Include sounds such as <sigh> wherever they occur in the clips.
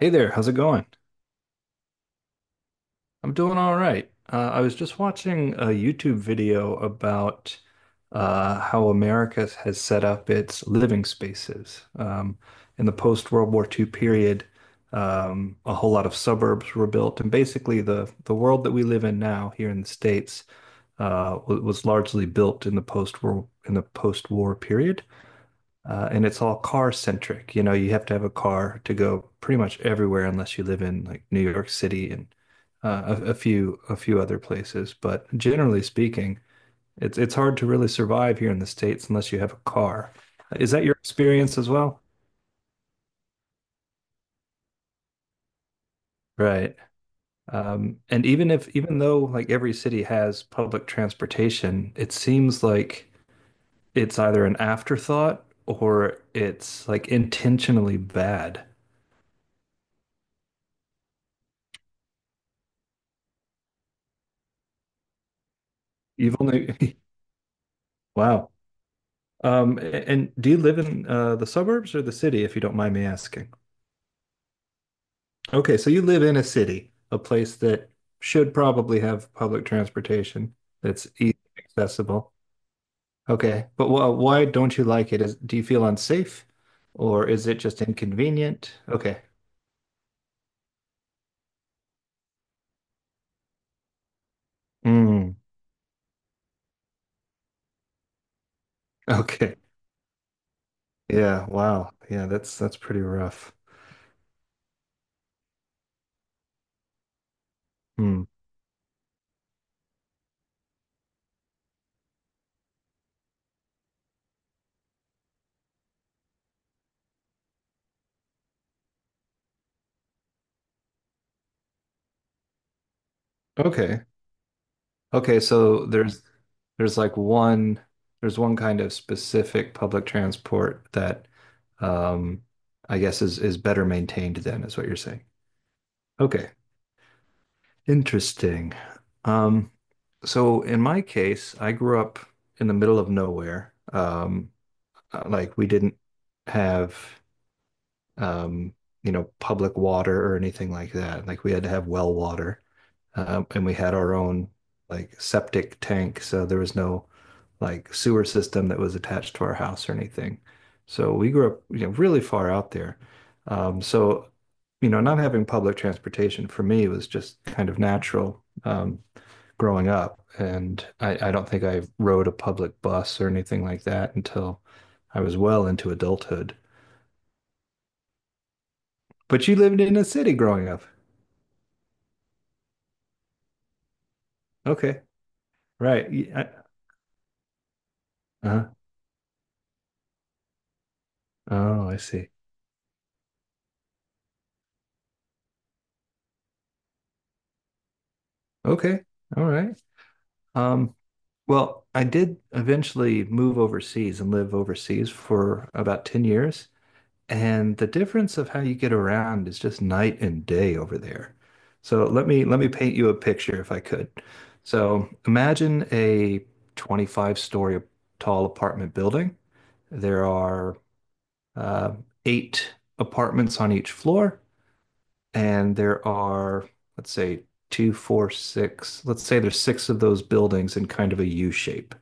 Hey there, how's it going? I'm doing all right. I was just watching a YouTube video about how America has set up its living spaces. In the post-World War II period, a whole lot of suburbs were built, and basically the world that we live in now here in the States was largely built in the post-war period. And it's all car centric. You know, you have to have a car to go pretty much everywhere unless you live in like New York City and a few other places. But generally speaking, it's hard to really survive here in the States unless you have a car. Is that your experience as well? Right. And even if even though like every city has public transportation, it seems like it's either an afterthought or it's like intentionally bad. You've only <laughs> wow. Um, and do you live in the suburbs or the city, if you don't mind me asking? Okay, so you live in a city, a place that should probably have public transportation that's easy and accessible. Okay, but wh why don't you like it? Do you feel unsafe or is it just inconvenient? Okay. Mm, <laughs> okay. Yeah, wow. Yeah, that's pretty rough. Hmm. Okay. Okay, so there's like one there's one kind of specific public transport that um I guess is better maintained then is what you're saying. Okay, interesting. Um so in my case, I grew up in the middle of nowhere. Like we didn't have um, you know, public water or anything like that. Like we had to have well water, and we had our own like septic tank, so there was no like sewer system that was attached to our house or anything. So we grew up, you know, really far out there. So, you know, not having public transportation for me was just kind of natural growing up, and I don't think I rode a public bus or anything like that until I was well into adulthood. But you lived in a city growing up. Okay. Right. Uh-huh. Oh, I see. Okay. All right. Um, well, I did eventually move overseas and live overseas for about 10 years. And the difference of how you get around is just night and day over there. So let me paint you a picture if I could. So imagine a 25-story tall apartment building. There are uh, eight apartments on each floor. And there are, let's say, two, four, six. Let's say there's six of those buildings in kind of a U shape.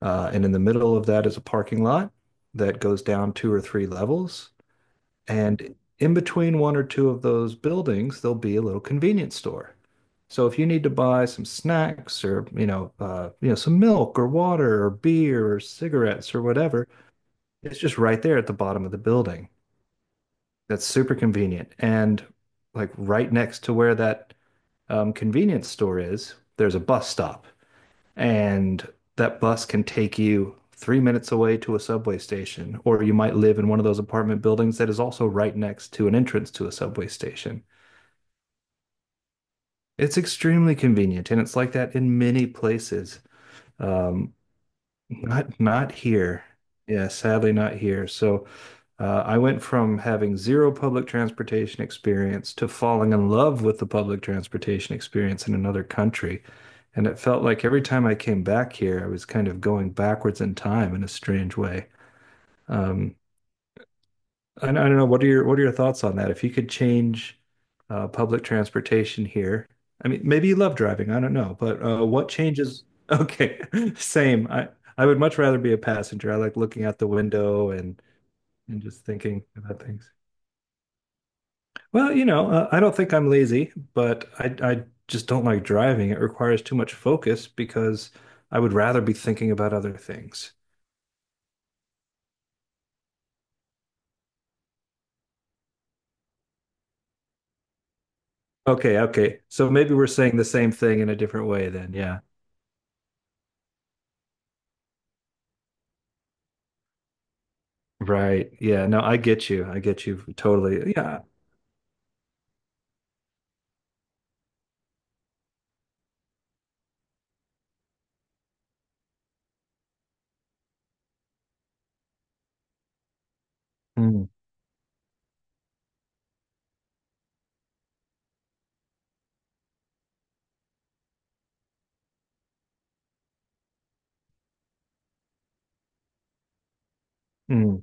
And in the middle of that is a parking lot that goes down two or three levels. And in between one or two of those buildings, there'll be a little convenience store. So if you need to buy some snacks or, you know, some milk or water or beer or cigarettes or whatever, it's just right there at the bottom of the building. That's super convenient. And like right next to where that convenience store is, there's a bus stop, and that bus can take you 3 minutes away to a subway station, or you might live in one of those apartment buildings that is also right next to an entrance to a subway station. It's extremely convenient, and it's like that in many places. Um, Not not here. Yeah, sadly not here. So I went from having zero public transportation experience to falling in love with the public transportation experience in another country. And it felt like every time I came back here, I was kind of going backwards in time in a strange way. Um, I don't know. What are your thoughts on that? If you could change public transportation here, I mean, maybe you love driving. I don't know, but what changes? Okay, <laughs> same. I would much rather be a passenger. I like looking out the window and just thinking about things. Well, you know, I don't think I'm lazy, but I just don't like driving. It requires too much focus because I would rather be thinking about other things. Okay, okay. So maybe we're saying the same thing in a different way then. Yeah. Right. Yeah. No, I get you. I get you totally. Yeah. Mm, mm.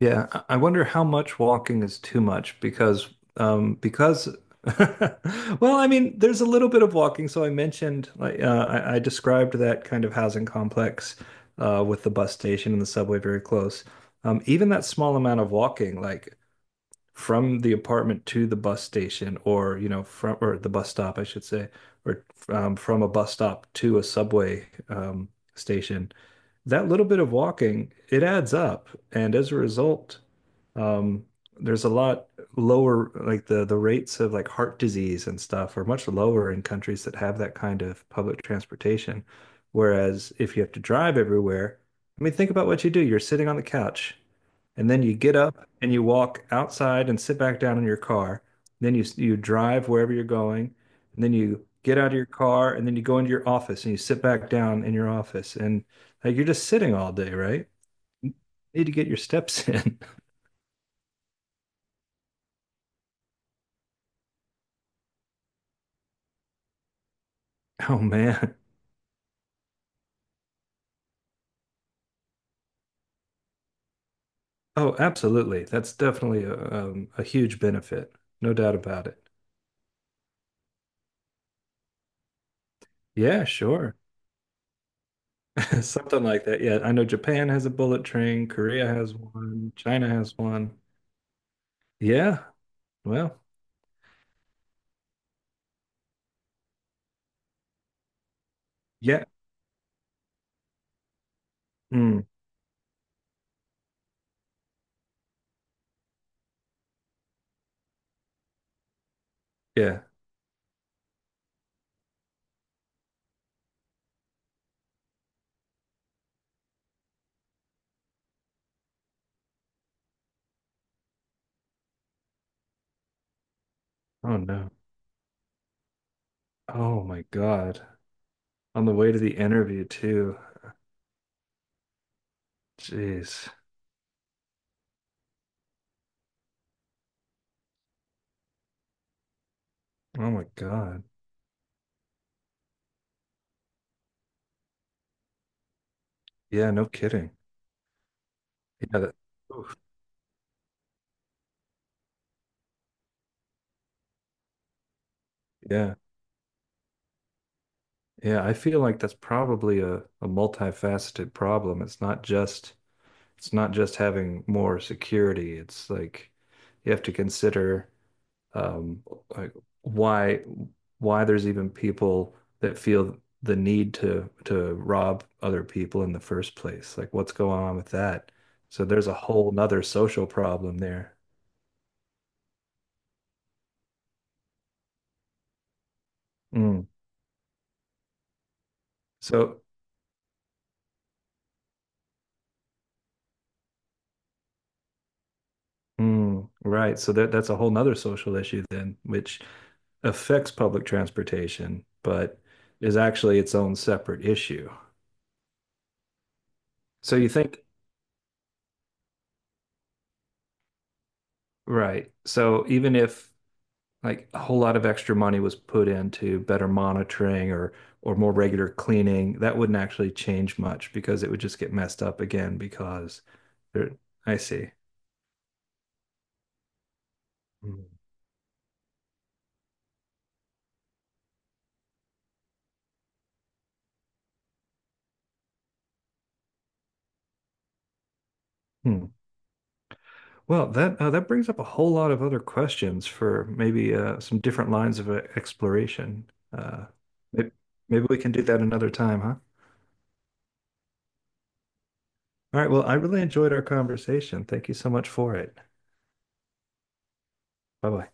Yeah. I wonder how much walking is too much because, um, because, <laughs> well, I mean, there's a little bit of walking. So I mentioned, like, I described that kind of housing complex, with the bus station and the subway very close. Even that small amount of walking, like, from the apartment to the bus station or you know from or the bus stop I should say or from a bus stop to a subway station, that little bit of walking it adds up, and as a result um, there's a lot lower, like the rates of like heart disease and stuff are much lower in countries that have that kind of public transportation, whereas if you have to drive everywhere, I mean think about what you do. You're sitting on the couch, and then you get up and you walk outside and sit back down in your car. Then you drive wherever you're going, and then you get out of your car and then you go into your office and you sit back down in your office, and like you're just sitting all day, right? You need to get your steps in. <laughs> Oh man. Oh, absolutely. That's definitely a huge benefit. No doubt about it. Yeah, sure. <laughs> Something like that. Yeah, I know Japan has a bullet train, Korea has one, China has one. Yeah. Well, yeah. Hmm. Yeah. Oh no. Oh my God. On the way to the interview too. Jeez. Oh my God. Yeah, no kidding. Yeah, that, oof. Yeah. Yeah, I feel like that's probably a multifaceted problem. It's not just having more security. It's like you have to consider um, like why there's even people that feel the need to rob other people in the first place. Like what's going on with that? So there's a whole nother social problem there. Mm. So mm, right. So that's a whole nother social issue then, which affects public transportation, but is actually its own separate issue. So you think, right. So even if like a whole lot of extra money was put into better monitoring or more regular cleaning, that wouldn't actually change much because it would just get messed up again because there, I see. Hmm. Hmm. Well, that that brings up a whole lot of other questions for maybe some different lines of exploration. Maybe, maybe we can do that another time, huh? All right. Well, I really enjoyed our conversation. Thank you so much for it. Bye bye.